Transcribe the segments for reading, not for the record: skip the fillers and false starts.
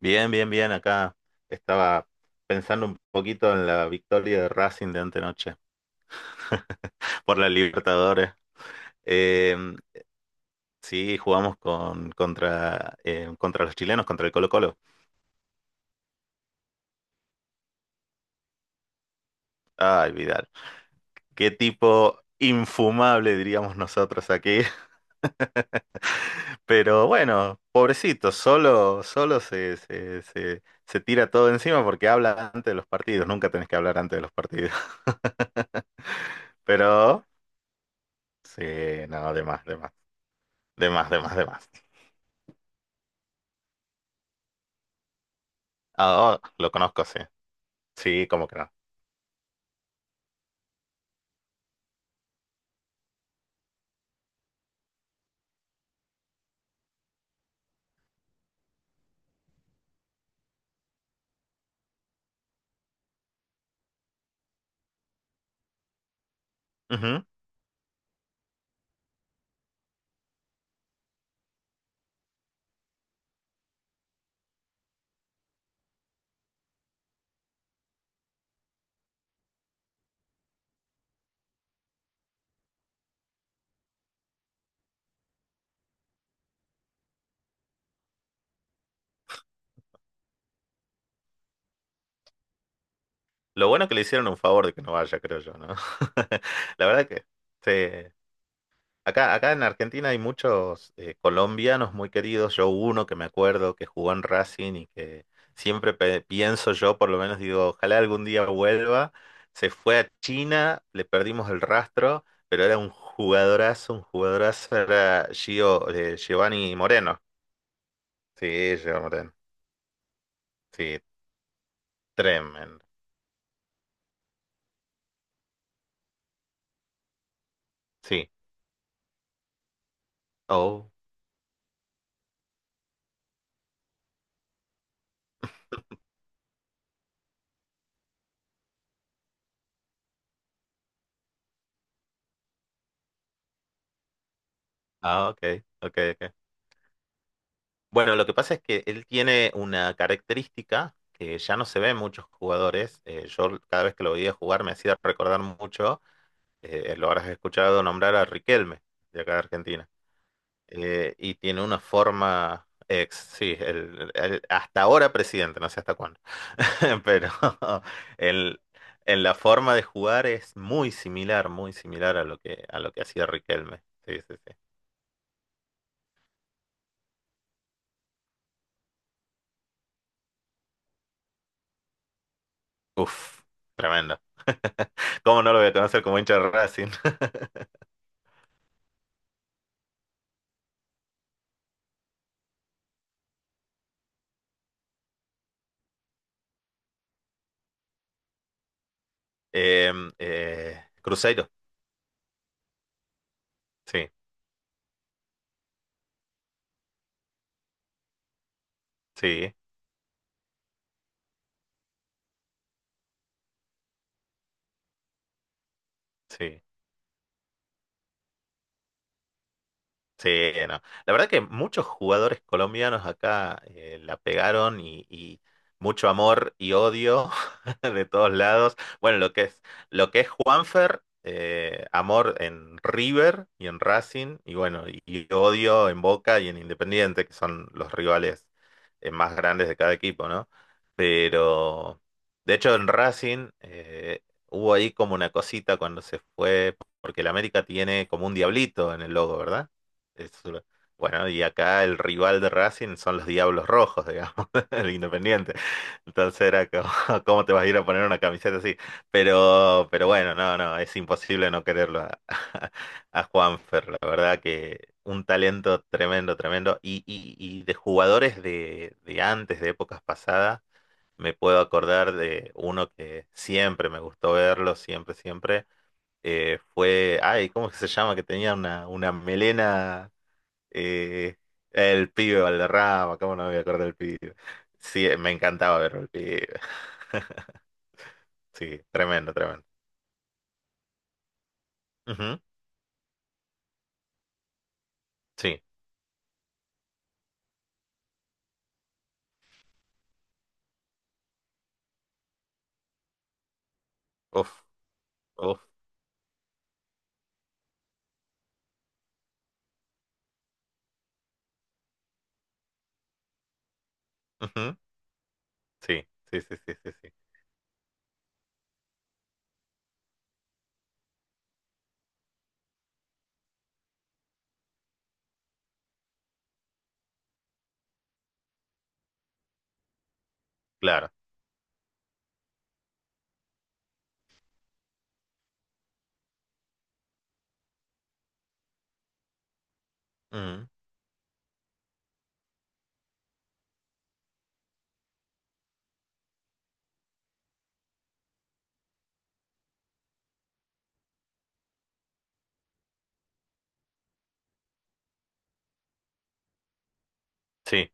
Bien, bien, bien. Acá estaba pensando un poquito en la victoria de Racing de antenoche por la Libertadores. Eh, sí, jugamos contra los chilenos, contra el Colo-Colo. Ay, Vidal. Qué tipo infumable, diríamos nosotros aquí. Pero bueno, pobrecito, solo se tira todo encima porque habla antes de los partidos. Nunca tenés que hablar antes de los partidos. Pero sí, no, de más, de más, de más, de más, de más. Ah, oh, lo conozco, sí. Sí, cómo que no. Ujú. Lo bueno que le hicieron un favor de que no vaya, creo yo, ¿no? La verdad que sí. Acá en Argentina hay muchos colombianos muy queridos. Yo uno que me acuerdo que jugó en Racing y que siempre pienso yo, por lo menos digo, ojalá algún día vuelva. Se fue a China, le perdimos el rastro, pero era un jugadorazo, era Giovanni Moreno. Sí, Jordan. Sí, tremendo. Sí. Oh, ah, ok, ok, ok. Bueno, lo que pasa es que él tiene una característica que ya no se ve en muchos jugadores. Yo cada vez que lo veía jugar me hacía recordar mucho, lo habrás escuchado nombrar a Riquelme, de acá de Argentina. Y tiene una forma sí, hasta ahora presidente, no sé hasta cuándo, pero el, en la forma de jugar es muy similar a a lo que hacía Riquelme. Sí, sí, sí. Uf, tremendo. ¿Cómo no lo voy a conocer como hincha de Racing? Cruzeiro, sí, sí, sí. Sí, no. La verdad que muchos jugadores colombianos acá la pegaron y mucho amor y odio de todos lados. Bueno, lo que es Juanfer, amor en River y en Racing, y bueno, y odio en Boca y en Independiente, que son los rivales más grandes de cada equipo, ¿no? Pero, de hecho, en Racing hubo ahí como una cosita cuando se fue, porque el América tiene como un diablito en el logo, es Bueno, y acá el rival de Racing son los Diablos Rojos, digamos, el Independiente. Entonces era como, ¿cómo te vas a ir a poner una camiseta así? Pero bueno, no, no, es imposible no quererlo a Juanfer, la verdad que un talento tremendo, tremendo. Y de jugadores de antes, de épocas pasadas, me puedo acordar de uno que siempre me gustó verlo, siempre, siempre. Fue, ay, ¿cómo es que se llama? Que tenía una melena y el pibe Valderrama, cómo no me voy a acordar del pibe. Sí, me encantaba ver el pibe. Sí, tremendo, tremendo. Ujú, sí, uf, uf, ujú, sí, sí, sí, sí, sí, sí. Claro. Ujú, sí,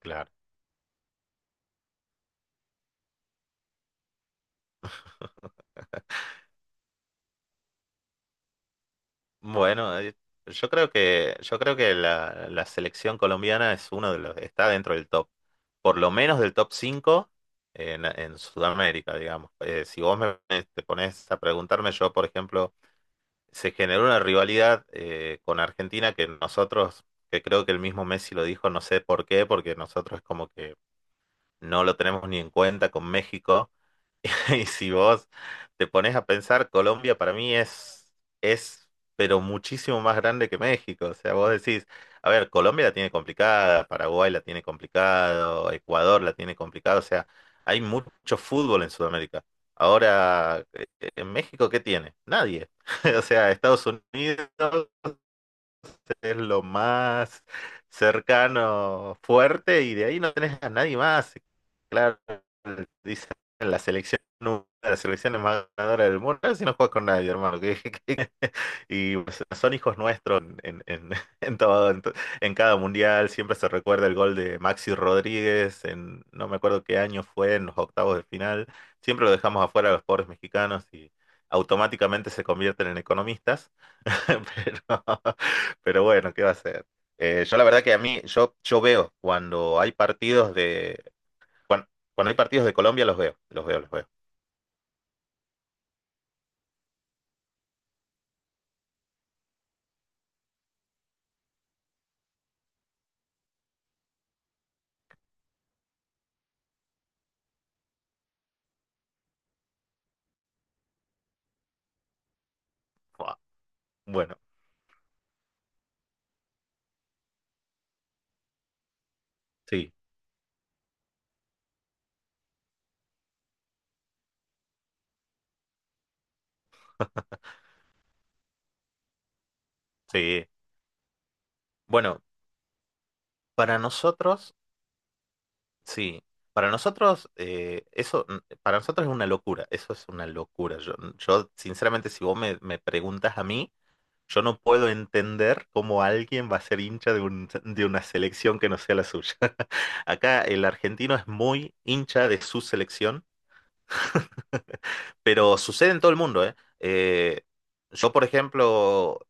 claro. Bueno, yo creo que la selección colombiana es uno de los, está dentro del top, por lo menos del top 5 en, Sudamérica, digamos. Si te pones a preguntarme, yo, por ejemplo, se generó una rivalidad con Argentina que nosotros, que creo que el mismo Messi lo dijo, no sé por qué, porque nosotros es como que no lo tenemos ni en cuenta con México. Y si vos te pones a pensar, Colombia para mí es, pero muchísimo más grande que México. O sea, vos decís, a ver, Colombia la tiene complicada, Paraguay la tiene complicado, Ecuador la tiene complicado. O sea, hay mucho fútbol en Sudamérica. Ahora, ¿en México qué tiene? Nadie. O sea, Estados Unidos es lo más cercano, fuerte, y de ahí no tenés a nadie más. Claro, dicen la selección, una de las selecciones más ganadoras del mundo, si no juegas con nadie, hermano. Que- Y pues, son hijos nuestros en, en todo, en cada mundial. Siempre se recuerda el gol de Maxi Rodríguez, en, no me acuerdo qué año fue, en los octavos de final. Siempre lo dejamos afuera a los pobres mexicanos y automáticamente se convierten en economistas. Pero, pero bueno, ¿qué va a ser? Yo la verdad que a mí, yo veo cuando hay partidos de, cuan- cuando, hay partidos de Colombia, los veo, los veo, los veo. Buah, bueno, sí, sí. Bueno, para nosotros, sí. Para nosotros, eso, mm, para nosotros es una locura, eso es una locura. Yo sinceramente, si me preguntas a mí, yo no puedo entender cómo alguien va a ser hincha de de una selección que no sea la suya. Acá el argentino es muy hincha de su selección. Pero sucede en todo el mundo, ¿eh? Eh, yo, por ejemplo,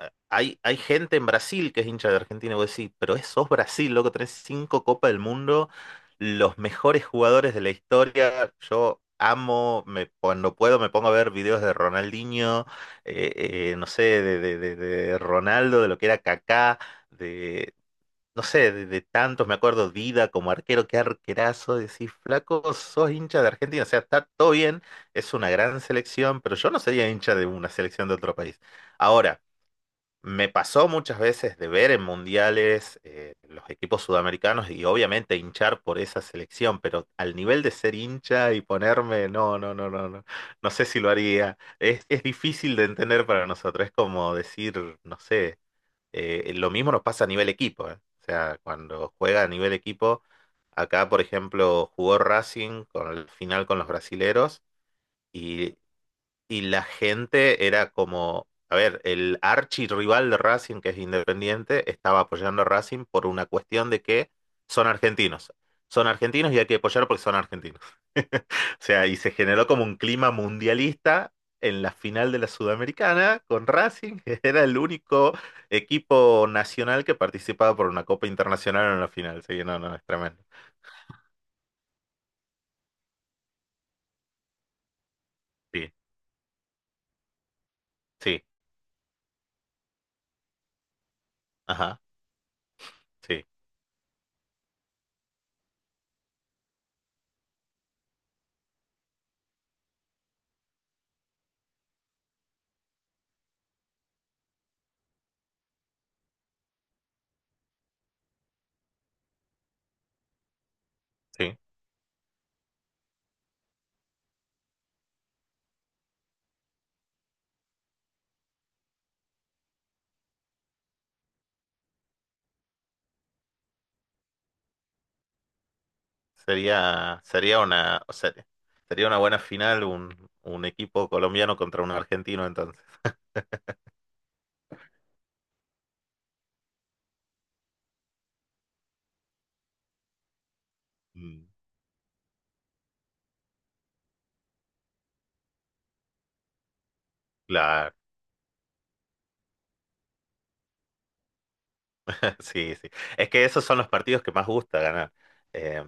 hay gente en Brasil que es hincha de Argentina, y vos decís, pero es, sos Brasil, loco, tenés cinco Copas del Mundo, los mejores jugadores de la historia. Yo amo, me, cuando puedo me pongo a ver videos de Ronaldinho, no sé, de Ronaldo, de lo que era Kaká, de no sé, de tantos, me acuerdo, Dida como arquero, qué arquerazo, decís, flaco, sos hincha de Argentina, o sea, está todo bien, es una gran selección, pero yo no sería hincha de una selección de otro país. Ahora, me pasó muchas veces de ver en mundiales los equipos sudamericanos y obviamente hinchar por esa selección, pero al nivel de ser hincha y ponerme, no, no, no, no, no, no sé si lo haría. Es difícil de entender para nosotros, es como decir, no sé. Lo mismo nos pasa a nivel equipo, ¿eh? O sea, cuando juega a nivel equipo, acá, por ejemplo, jugó Racing con el final con los brasileros y, y la gente era como, a ver, el archirrival de Racing, que es Independiente, estaba apoyando a Racing por una cuestión de que son argentinos. Son argentinos y hay que apoyar porque son argentinos. O sea, y se generó como un clima mundialista en la final de la Sudamericana con Racing, que era el único equipo nacional que participaba por una Copa Internacional en la final. Sí, no, no, es tremendo. Sí, sí, ajá, sí, sí. Sería, sería una, o sea, sería una buena final un equipo colombiano contra un argentino entonces. Mm, claro, sí, sí. Es que esos son los partidos que más gusta ganar. Eh,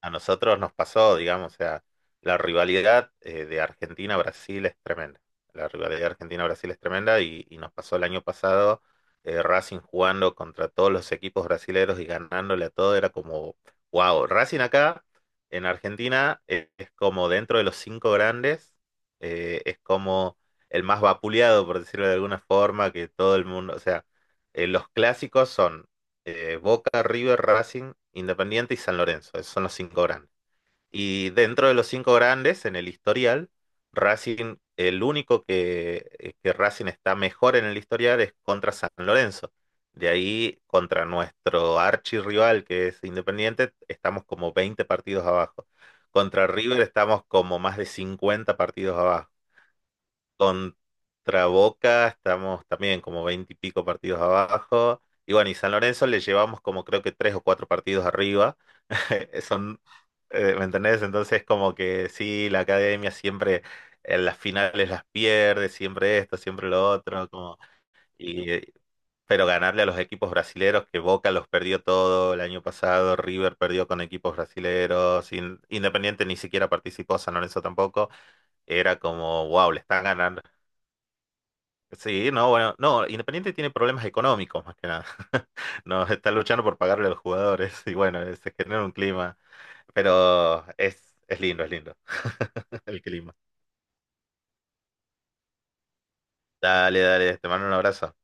A nosotros nos pasó, digamos, o sea, la rivalidad de Argentina-Brasil es tremenda. La rivalidad de Argentina-Brasil es tremenda y nos pasó el año pasado Racing jugando contra todos los equipos brasileños y ganándole a todo, era como, wow, Racing acá en Argentina es, como dentro de los cinco grandes, es como el más vapuleado, por decirlo de alguna forma, que todo el mundo, o sea, los clásicos son Boca, River, Racing, Independiente y San Lorenzo. Esos son los cinco grandes. Y dentro de los cinco grandes, en el historial, Racing, el único que Racing está mejor en el historial es contra San Lorenzo. De ahí, contra nuestro archirrival, que es Independiente, estamos como 20 partidos abajo. Contra River estamos como más de 50 partidos abajo. Contra Boca estamos también como 20 y pico partidos abajo. Y bueno, y San Lorenzo le llevamos como creo que tres o cuatro partidos arriba. Son, ¿me entendés? Entonces como que sí, la academia siempre en las finales las pierde, siempre esto, siempre lo otro, como, y, pero ganarle a los equipos brasileros, que Boca los perdió todo el año pasado, River perdió con equipos brasileros, Independiente ni siquiera participó, San Lorenzo tampoco, era como, wow, le están ganando. Sí, no, bueno, no, Independiente tiene problemas económicos más que nada. No, está luchando por pagarle a los jugadores y bueno, se genera un clima, pero es lindo el clima. Dale, dale, te mando un abrazo.